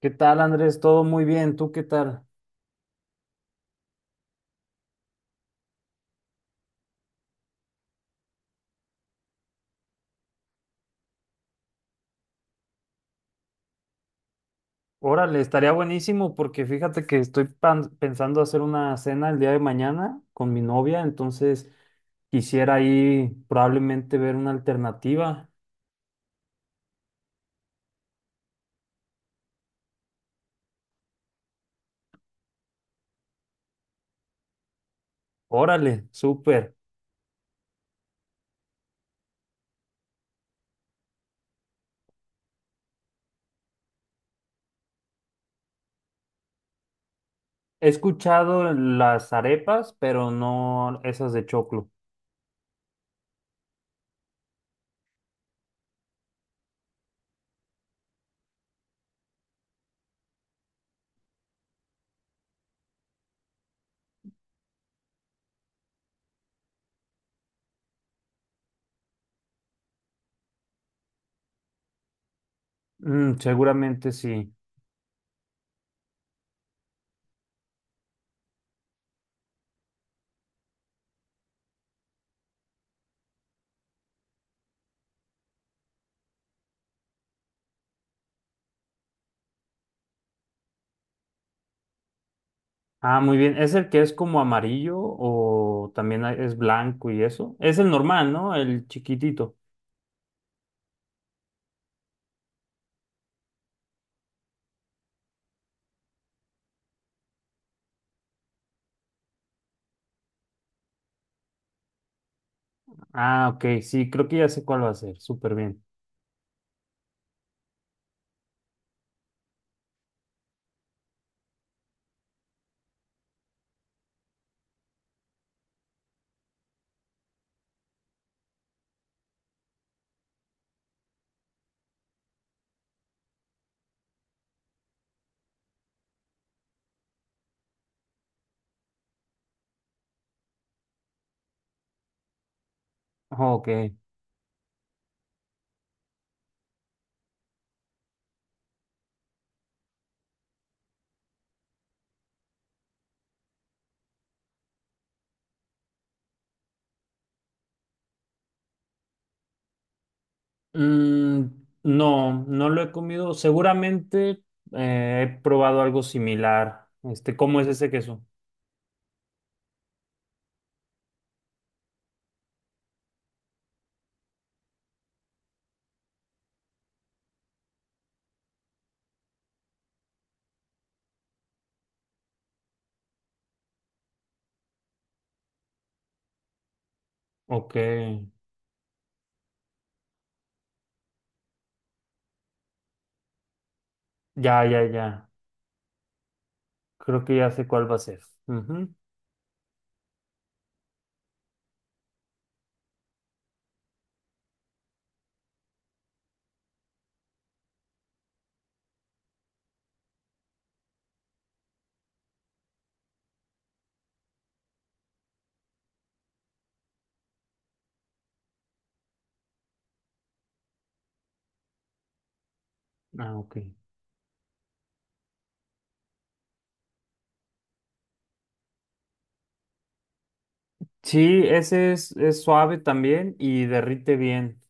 ¿Qué tal, Andrés? Todo muy bien. ¿Tú qué tal? Órale, estaría buenísimo porque fíjate que estoy pensando hacer una cena el día de mañana con mi novia, entonces quisiera ahí probablemente ver una alternativa. Órale, súper. He escuchado las arepas, pero no esas de choclo. Mm, seguramente sí. Ah, muy bien. ¿Es el que es como amarillo o también es blanco y eso? Es el normal, ¿no? El chiquitito. Ah, ok, sí, creo que ya sé cuál va a ser, súper bien. Ok. Mm, no, no lo he comido. Seguramente he probado algo similar. Este, ¿cómo es ese queso? Ok, ya, ya, ya. Creo que ya sé cuál va a ser. Ujú. Ah, ok. Sí, ese es suave también y derrite bien.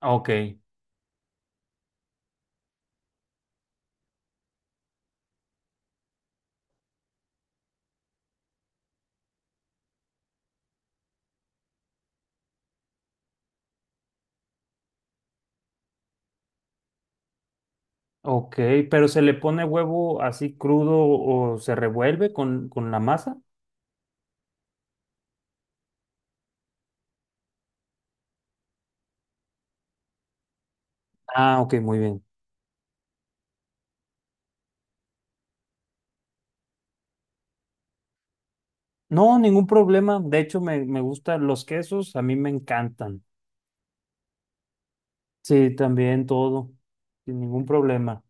Ok, ok, pero ¿se le pone huevo así crudo o se revuelve con la masa? Ah, ok, muy bien. No, ningún problema. De hecho, me gustan los quesos, a mí me encantan. Sí, también todo, sin ningún problema.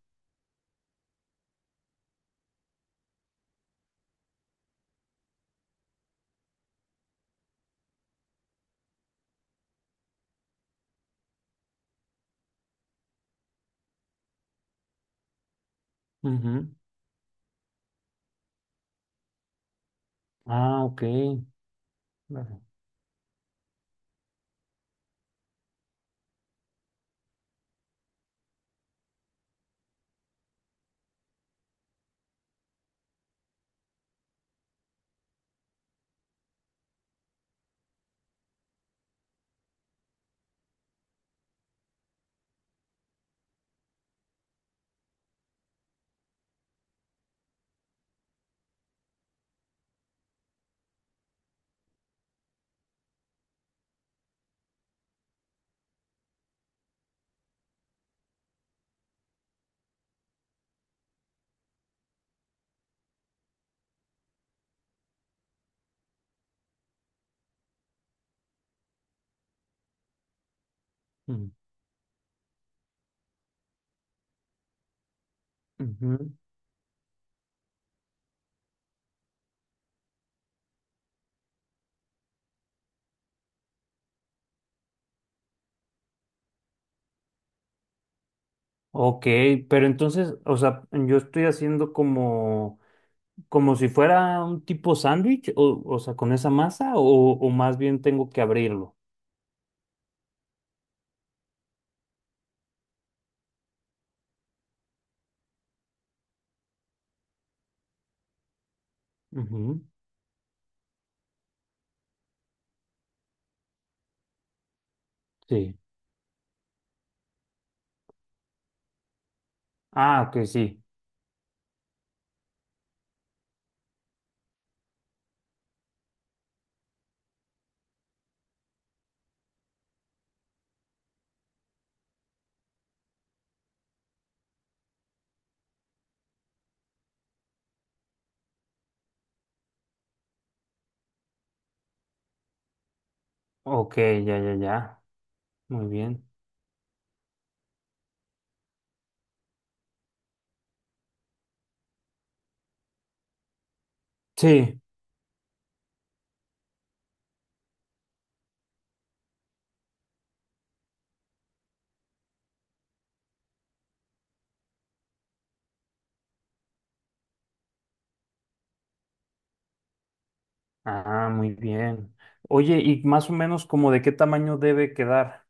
Ujú. Ah, ok. Claro. Mm, ujú. Ok, pero entonces, o sea, yo estoy haciendo como, como si fuera un tipo sándwich, o sea, con esa masa, o más bien tengo que abrirlo. Ujú. Sí. Ah, ok, sí. Ok, ya, ya, ya. Muy bien. Sí. Ah, muy bien. Oye, y más o menos como de qué tamaño debe quedar.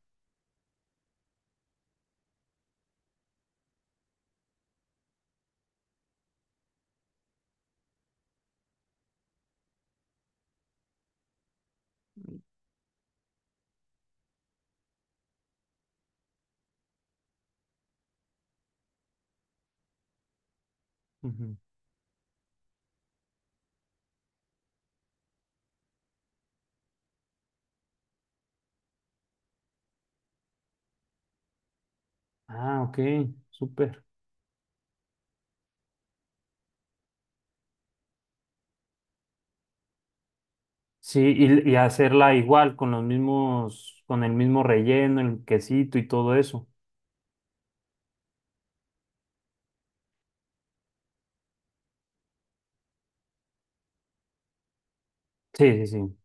Ujú. Ah, ok, súper. Sí, y hacerla igual, con los mismos, con el mismo relleno, el quesito y todo eso. Sí, sí, sí.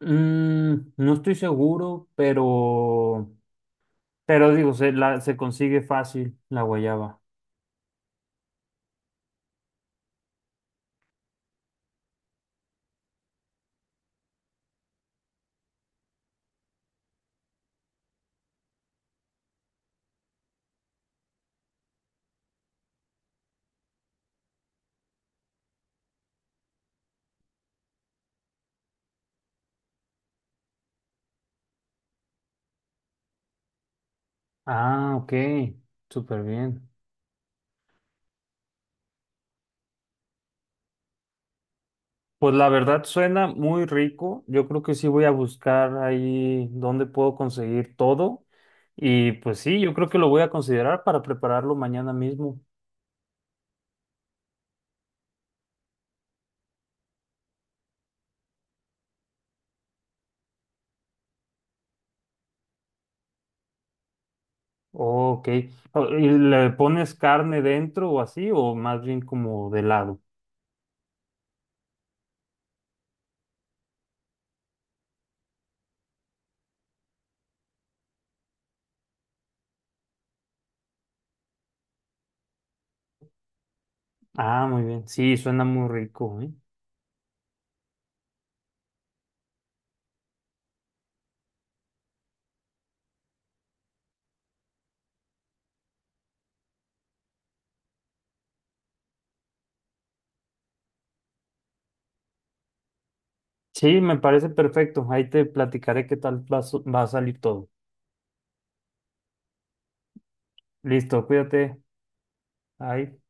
Mm, no estoy seguro, pero digo, se, la, se consigue fácil la guayaba. Ah, ok, súper bien. Pues la verdad suena muy rico. Yo creo que sí voy a buscar ahí dónde puedo conseguir todo. Y pues sí, yo creo que lo voy a considerar para prepararlo mañana mismo. Ok. Oh, ¿y le pones carne dentro o así? ¿O más bien como de lado? Ah, muy bien. Sí, suena muy rico, ¿eh? Sí, me parece perfecto. Ahí te platicaré qué tal va, va a salir todo. Listo, cuídate. Bye.